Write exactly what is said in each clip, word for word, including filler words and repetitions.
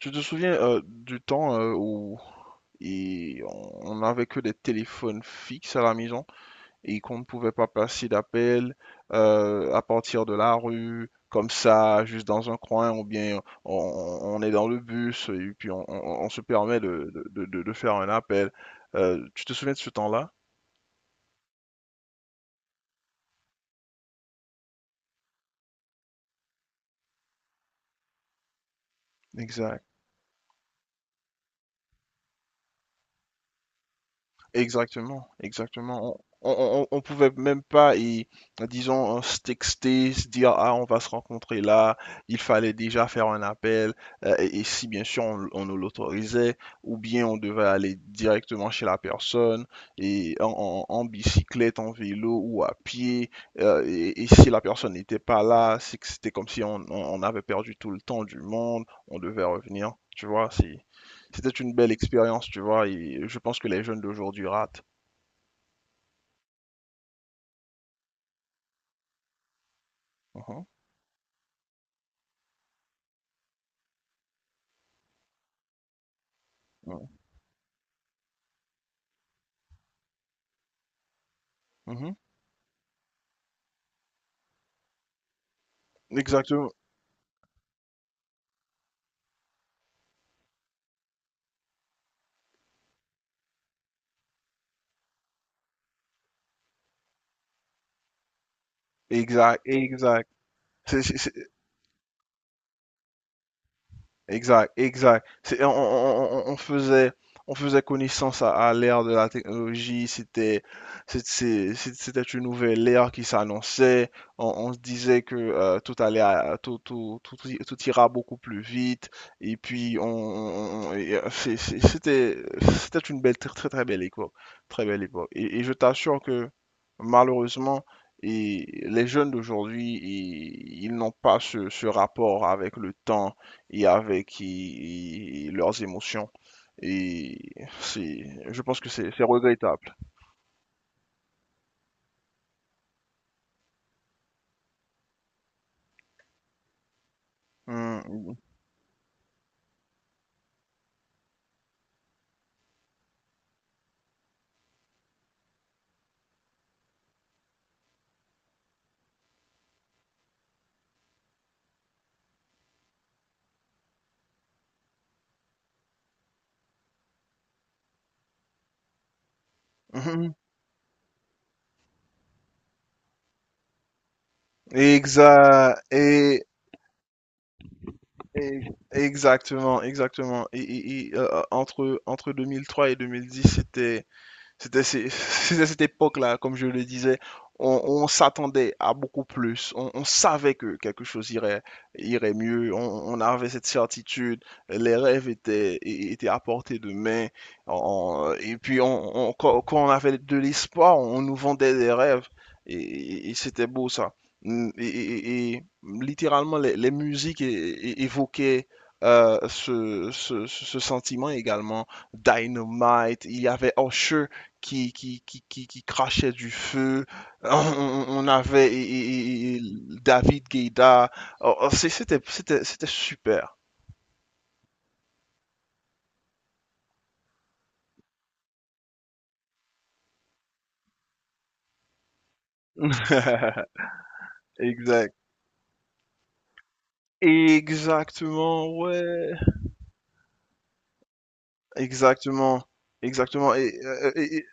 Tu te souviens euh, du temps euh, où et on n'avait que des téléphones fixes à la maison et qu'on ne pouvait pas passer d'appels euh, à partir de la rue, comme ça, juste dans un coin, ou bien on, on est dans le bus et puis on, on- on se permet de, de- de- de faire un appel. Euh, tu te souviens de ce temps-là? Exact. Exactement, exactement. On, on, on- on pouvait même pas, y, disons, euh, se texter, se dire, ah, on va se rencontrer là, il fallait déjà faire un appel, euh, et, et si bien sûr on, on nous l'autorisait, ou bien on devait aller directement chez la personne, et en, en- en bicyclette, en vélo ou à pied, euh, et, et si la personne n'était pas là, c'est que c'était comme si on, on, on avait perdu tout le temps du monde, on devait revenir, tu vois, c'était une belle expérience, tu vois, et je pense que les jeunes d'aujourd'hui ratent. Mhm, mhm, mhm. Exactement. Exact, exact. Exact, exact. C'est- On, on- on- on faisait, on faisait connaissance à, à l'ère de la technologie. C'était, c'est- c'est- c'est- C'était une nouvelle ère qui s'annonçait. On, on se disait que euh, tout allait, à- tout, tout, tout, i- tout ira beaucoup plus vite. Et puis, on, on- on- et, euh, c'est- c'est- c'était, c'était une belle, très, très, très belle époque, très belle époque. Et, et je t'assure que malheureusement, et les jeunes d'aujourd'hui, ils ils n'ont pas ce ce rapport avec le temps et avec et- et leurs émotions. Et c'est, je pense que c'est c'est regrettable. Mm. Mm, mm. Exa- et- et- Exactement, exactement. Et, et- et, euh, entre, entre deux mille trois et deux mille dix, c'était C'était c'est- c'est à cette époque-là, comme je le disais, on, on s'attendait à beaucoup plus. On, on savait que quelque chose irait, irait mieux. On, on avait cette certitude. Les rêves étaient, é- étaient à portée de main. On- et puis, on, on- quand, Quand on avait de l'espoir, on nous vendait des rêves. Et, et- et c'était beau ça. Mm, Et, et- et- et littéralement, les, les musiques é- é- évoquaient euh, ce, ce ce- ce sentiment également. Dynamite, il y avait Usher qui, qui, qui, qui, qui crachait du feu. On, on- on avait et- et- et- David Guetta. Oh, oh, c'est- C'était, c'était, c'était super. Exact. Exactement, ouais. Exactement. Exactement. euh, et-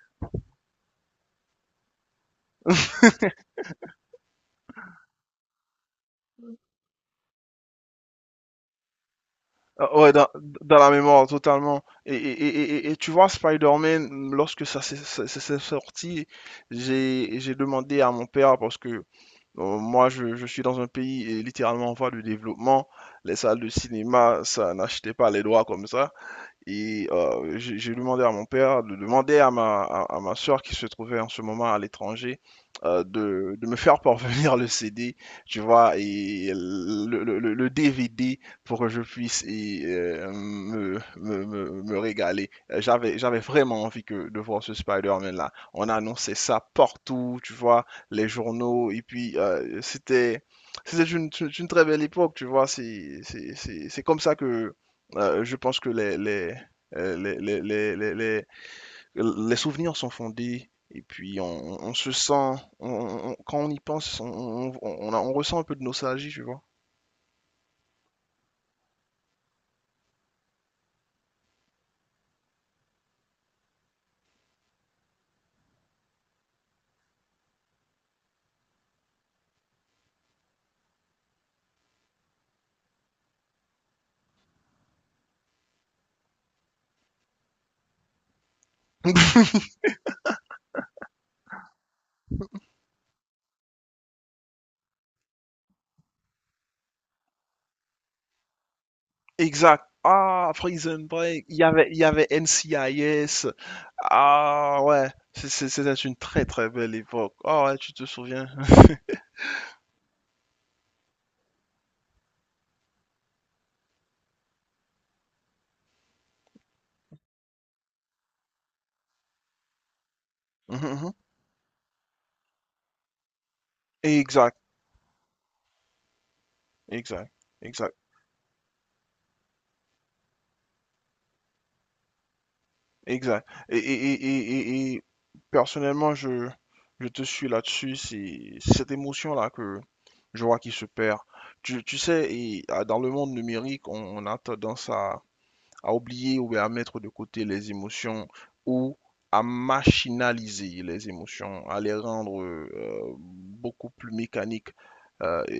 Ah, ouais, dans, dans la mémoire, totalement. Et, et, et, et- et tu vois, Spider-Man, lorsque ça s'est ça- ça s'est sorti, j'ai j'ai demandé à mon père, parce que euh, moi, je, je suis dans un pays et littéralement en voie de développement, les salles de cinéma, ça n'achetait pas les droits comme ça. Et euh, j'ai j'ai demandé à mon père de demander à ma, à, à ma soeur qui se trouvait en ce moment à l'étranger euh, de, de me faire parvenir le C D, tu vois, et le, le- le- le D V D pour que je puisse et, euh, me, me, me, me régaler. Euh, J'avais, j'avais vraiment envie que, de voir ce Spider-Man-là. On annonçait ça partout, tu vois, les journaux, et puis euh, c'était... C'était une, une une très belle époque, tu vois. C'est c'est- c'est- c'est comme ça que, euh, je pense que les, les, euh, les, les, les, les, les- les souvenirs sont fondés et puis on, on- on se sent, on- on- on- quand on y pense, on, on, on- on a- on ressent un peu de nostalgie, tu vois. Exact. Ah, Prison Break, il y avait, il y avait N C I S. Ah ouais, C'est- c'est- c'était une très très belle époque. Ah ouais, tu te souviens. Mhm, mhm. Exact, exact, Exact. Exact. Et, et, et, et, et- et personnellement, je, je te suis là-dessus. C'est cette émotion-là que je vois qui se perd. Tu, tu sais, et, ah, dans le monde numérique, on, on a tendance à, à oublier ou à mettre de côté les émotions ou à machinaliser les émotions, à les rendre euh, beaucoup plus mécaniques. Euh, et,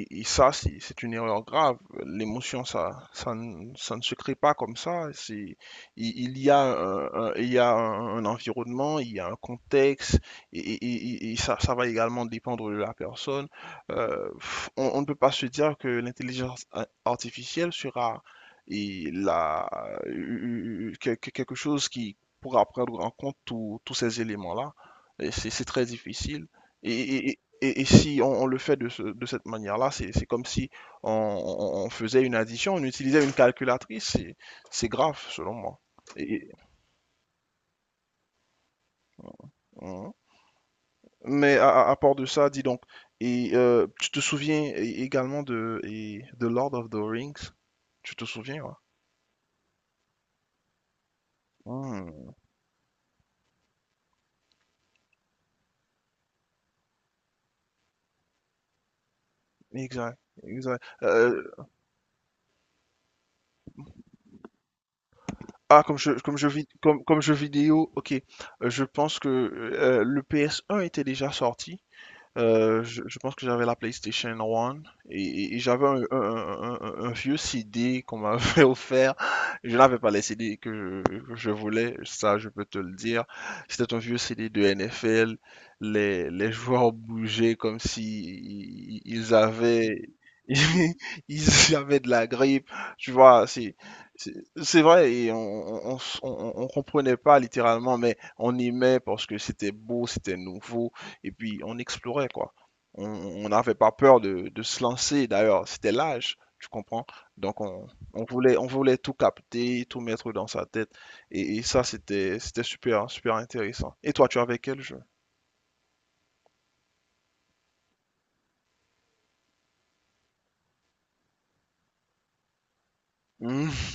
et- et ça, c'est une erreur grave. L'émotion, ça, ça, ne ça ne se crée pas comme ça. il, il y a, un, un- il y a un, un environnement, il y a un contexte, et, et- et- et ça, ça va également dépendre de la personne. Euh, on, on ne peut pas se dire que l'intelligence artificielle sera et la, quel- quelque chose qui pourra prendre en compte tous tous ces éléments-là, et c'est c'est très difficile. Et, et- et- et- si on, on le fait de, ce- de cette manière-là, c'est c'est comme si on, on- on faisait une addition, on utilisait une calculatrice, c'est c'est grave selon moi. Et- et- Mhm. Mais à, à- à part de ça, dis donc, et, euh, tu te souviens é- également de, et- de Lord of the Rings? Tu te souviens, ouais? Mhm. Exact, exact. Euh, Ah, comme jeu, comme jeu, vid- comme, comme jeu vidéo, ok. Euh, je pense que euh, le P S un était déjà sorti. Euh, je, je pense que j'avais la PlayStation un et, et- et j'avais un, un- un- un- un vieux C D qu'on m'avait offert. Je n'avais pas les C D que je, que je voulais, ça je peux te le dire. C'était un vieux C D de N F L. Les, les joueurs bougeaient comme si i- i- ils avaient, ils avaient de la grippe. Tu vois, c'est, c'est c'est vrai et on, on, on, s- on on comprenait pas littéralement, mais on aimait parce que c'était beau, c'était nouveau et puis on explorait, quoi. On n'avait pas peur de de se lancer d'ailleurs, c'était l'âge, tu comprends? Donc on on voulait, on voulait tout capter, tout mettre dans sa tête et et ça c'était c'était super, hein, super intéressant. Et toi, tu avais quel jeu? Mmh.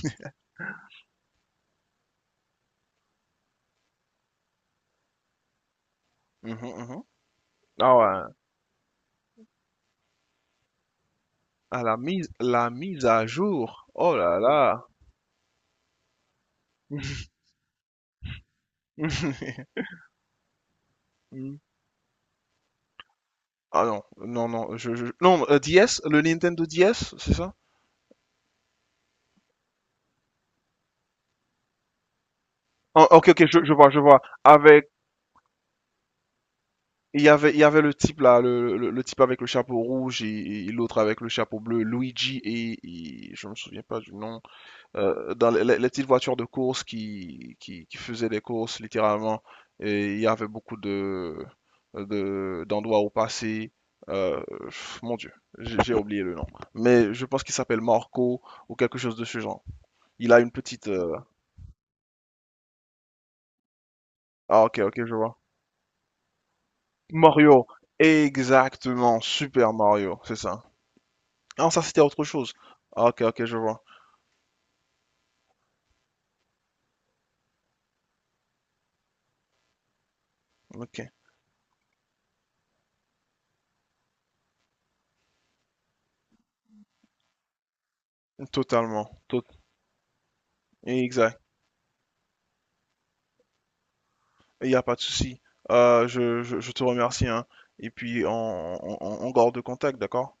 Mmh mh, mmh. Ah ouais. Ah la mise la mise à jour. Oh là là. Mmh. Ah non, non, non, je je non, heu, D S, le Nintendo DS, c'est ça? Ah OK, OK, je je vois, je vois. Avec il y avait, il y avait le type là, le, le- le type avec le chapeau rouge et, et l'autre avec le chapeau bleu, Luigi et, et- je me souviens pas du nom, euh, dans les, les- les petites voitures de course qui, qui, qui faisaient des courses littéralement. Et il y avait beaucoup de, de- d'endroits où passer. Euh, pff, mon Dieu, j'ai j'ai oublié le nom. Mais je pense qu'il s'appelle Marco ou quelque chose de ce genre. Il a une petite. euh, Ah, ok, ok, je vois. Mario, exactement, Super Mario, c'est ça. Ah, ça c'était autre chose. Ah, ok, ok, je vois. Ok, totalement. Tot- exact. Il n'y a pas de souci. Euh, je, je- je te remercie, hein. Et puis, on, on on- on garde contact, d'accord?